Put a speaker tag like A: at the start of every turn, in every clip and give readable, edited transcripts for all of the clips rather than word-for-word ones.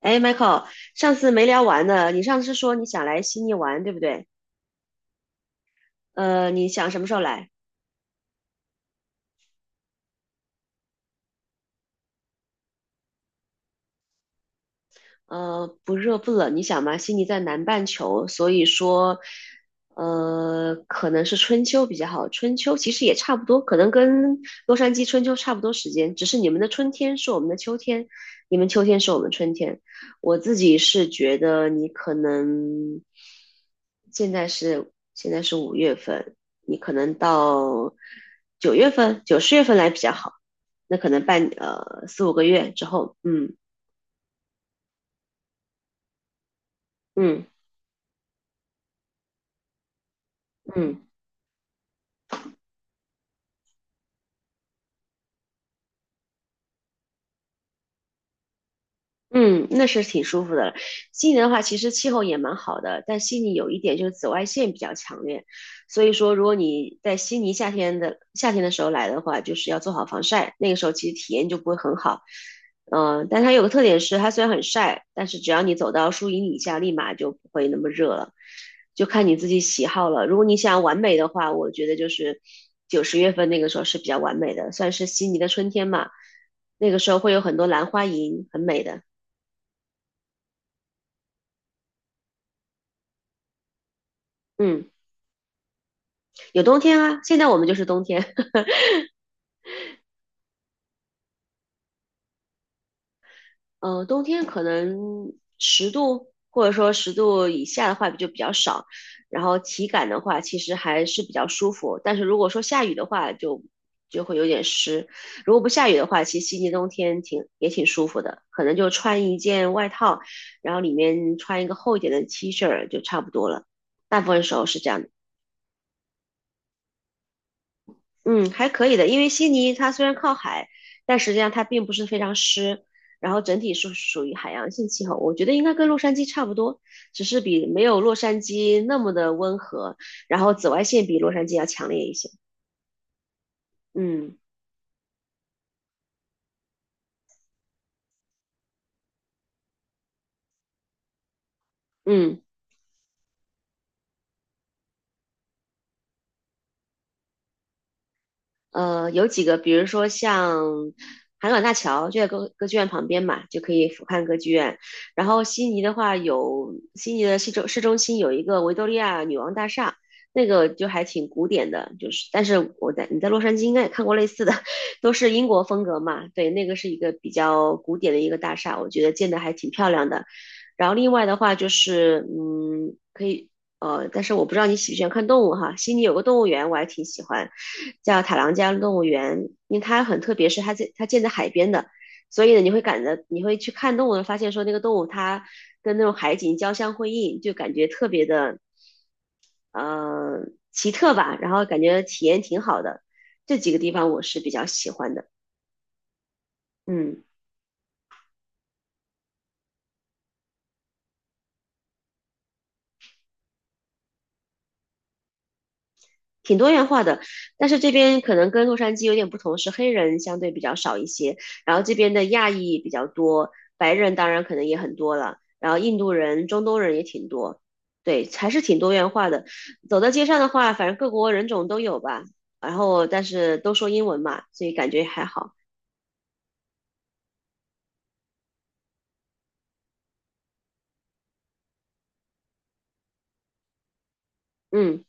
A: 哎，Michael，上次没聊完呢。你上次说你想来悉尼玩，对不对？你想什么时候来？不热不冷，你想嘛，悉尼在南半球，所以说，可能是春秋比较好。春秋其实也差不多，可能跟洛杉矶春秋差不多时间，只是你们的春天是我们的秋天，你们秋天是我们春天。我自己是觉得你可能现在是五月份，你可能到九月份、九十月份来比较好，那可能半四五个月之后，嗯嗯。嗯，那是挺舒服的。悉尼的话，其实气候也蛮好的，但悉尼有一点就是紫外线比较强烈，所以说如果你在悉尼夏天的时候来的话，就是要做好防晒，那个时候其实体验就不会很好。嗯、但它有个特点是，它虽然很晒，但是只要你走到树荫底下，立马就不会那么热了，就看你自己喜好了。如果你想完美的话，我觉得就是九十月份那个时候是比较完美的，算是悉尼的春天嘛，那个时候会有很多兰花楹，很美的。嗯，有冬天啊，现在我们就是冬天。嗯、冬天可能十度或者说十度以下的话就比较少，然后体感的话其实还是比较舒服。但是如果说下雨的话就，就会有点湿。如果不下雨的话，其实悉尼冬天挺也挺舒服的，可能就穿一件外套，然后里面穿一个厚一点的 T 恤儿就差不多了。大部分时候是这样的。嗯，还可以的，因为悉尼它虽然靠海，但实际上它并不是非常湿，然后整体是属于海洋性气候，我觉得应该跟洛杉矶差不多，只是比没有洛杉矶那么的温和，然后紫外线比洛杉矶要强烈一些。嗯嗯。有几个，比如说像海港大桥就在歌剧院旁边嘛，就可以俯瞰歌剧院。然后悉尼的话有，悉尼的市中心有一个维多利亚女王大厦，那个就还挺古典的，就是但是你在洛杉矶应该也看过类似的，都是英国风格嘛。对，那个是一个比较古典的一个大厦，我觉得建的还挺漂亮的。然后另外的话就是，嗯，可以。但是我不知道你喜不喜欢看动物哈。悉尼有个动物园，我还挺喜欢，叫塔朗加动物园，因为它很特别，是它建在海边的，所以呢，你会感觉你会去看动物，发现说那个动物它跟那种海景交相辉映，就感觉特别的呃奇特吧，然后感觉体验挺好的，这几个地方我是比较喜欢的，嗯。挺多元化的，但是这边可能跟洛杉矶有点不同，是黑人相对比较少一些，然后这边的亚裔比较多，白人当然可能也很多了，然后印度人、中东人也挺多，对，还是挺多元化的。走到街上的话，反正各国人种都有吧，然后但是都说英文嘛，所以感觉还好。嗯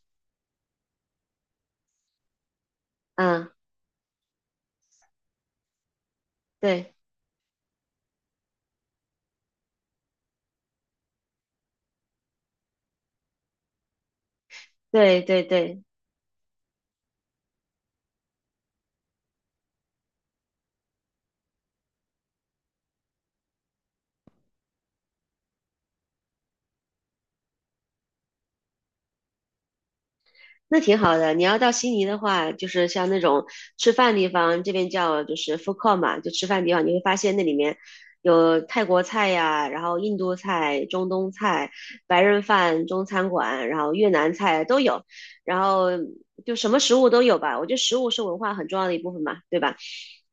A: 嗯，对对对对。那挺好的。你要到悉尼的话，就是像那种吃饭地方，这边叫就是 food court 嘛，就吃饭地方，你会发现那里面有泰国菜呀，然后印度菜、中东菜、白人饭、中餐馆，然后越南菜都有，然后就什么食物都有吧。我觉得食物是文化很重要的一部分嘛，对吧？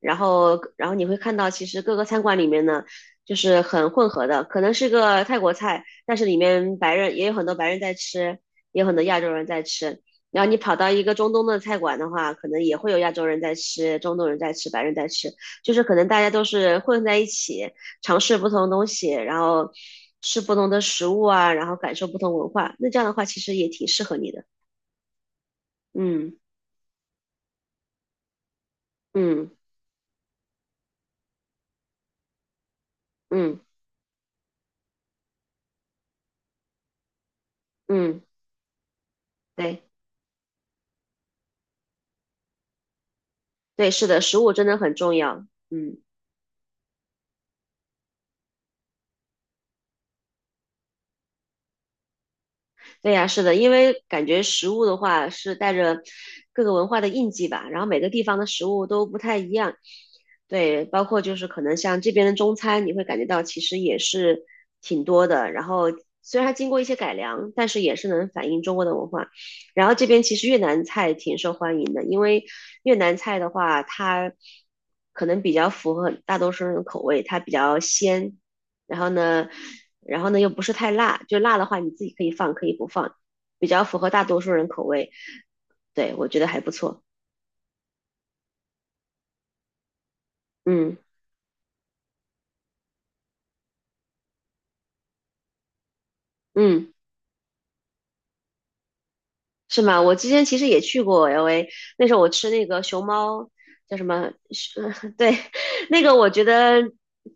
A: 然后你会看到，其实各个餐馆里面呢，就是很混合的，可能是个泰国菜，但是里面白人也有很多白人在吃，也有很多亚洲人在吃。然后你跑到一个中东的菜馆的话，可能也会有亚洲人在吃，中东人在吃，白人在吃，就是可能大家都是混在一起，尝试不同的东西，然后吃不同的食物啊，然后感受不同文化。那这样的话，其实也挺适合你的。嗯嗯嗯嗯，对对，是的，食物真的很重要。嗯。对呀，是的，因为感觉食物的话是带着各个文化的印记吧，然后每个地方的食物都不太一样。对，包括就是可能像这边的中餐，你会感觉到其实也是挺多的。然后虽然它经过一些改良，但是也是能反映中国的文化。然后这边其实越南菜挺受欢迎的，因为越南菜的话，它可能比较符合大多数人的口味，它比较鲜，然后呢，然后呢又不是太辣，就辣的话你自己可以放，可以不放，比较符合大多数人口味。对，我觉得还不错。嗯嗯。是吗？我之前其实也去过 LA，那时候我吃那个熊猫叫什么？对，那个我觉得，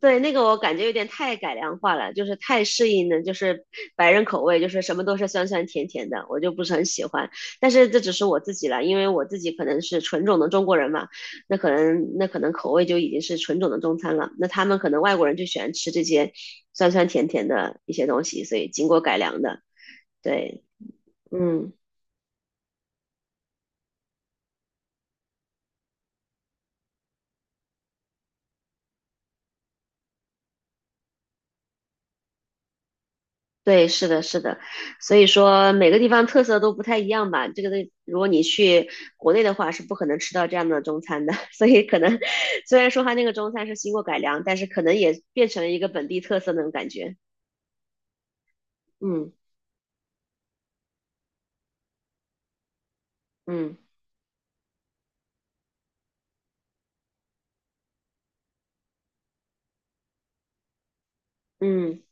A: 对，那个我感觉有点太改良化了，就是太适应了，就是白人口味，就是什么都是酸酸甜甜的，我就不是很喜欢。但是这只是我自己了，因为我自己可能是纯种的中国人嘛，那可能口味就已经是纯种的中餐了，那他们可能外国人就喜欢吃这些酸酸甜甜的一些东西，所以经过改良的，对，嗯对，是的，是的，所以说每个地方特色都不太一样吧。这个东西，如果你去国内的话，是不可能吃到这样的中餐的。所以可能虽然说它那个中餐是经过改良，但是可能也变成了一个本地特色那种感觉。嗯嗯嗯，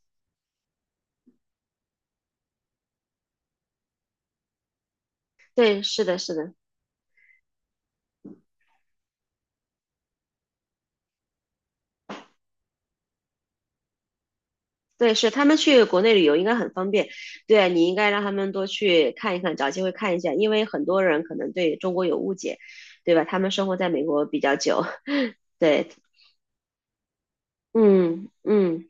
A: 对，是的，是的，对，是他们去国内旅游应该很方便。对啊，你应该让他们多去看一看，找机会看一下，因为很多人可能对中国有误解，对吧？他们生活在美国比较久，对，嗯嗯。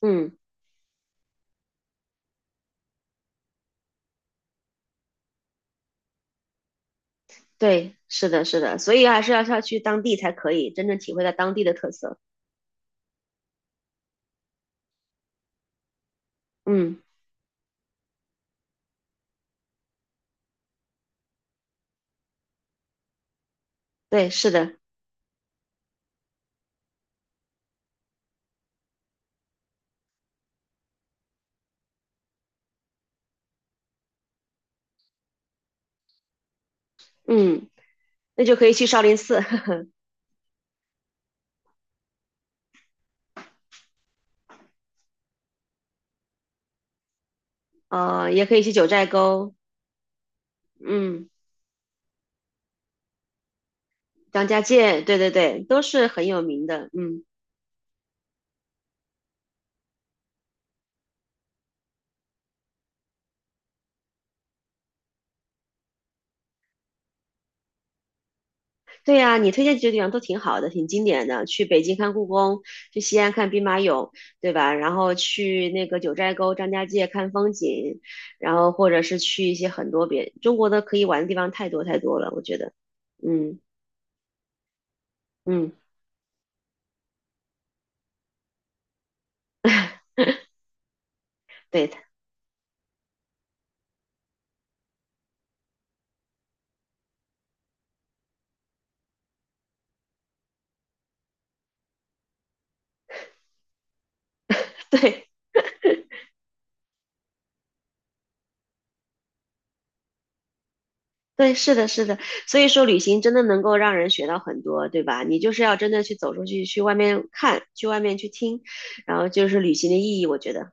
A: 嗯对，是的，是的，所以还是要去当地才可以真正体会到当地的特色。嗯，对，是的，嗯，那就可以去少林寺，呃，也可以去九寨沟，嗯，张家界，对对对，都是很有名的。嗯，对呀，你推荐几个地方都挺好的，挺经典的。去北京看故宫，去西安看兵马俑，对吧？然后去那个九寨沟、张家界看风景，然后或者是去一些很多别中国的可以玩的地方太多太多了，我觉得。嗯嗯，对，对对，是的，是的，所以说旅行真的能够让人学到很多，对吧？你就是要真的去走出去，去外面看，去外面去听，然后就是旅行的意义，我觉得，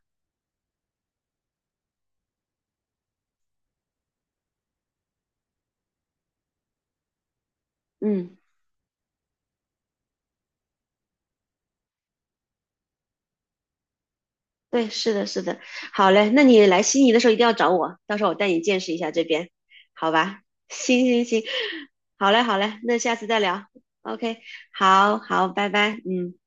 A: 嗯，对，是的，是的，好嘞，那你来悉尼的时候一定要找我，到时候我带你见识一下这边，好吧？行行行，好嘞，好嘞，那下次再聊，OK，好好，拜拜，嗯。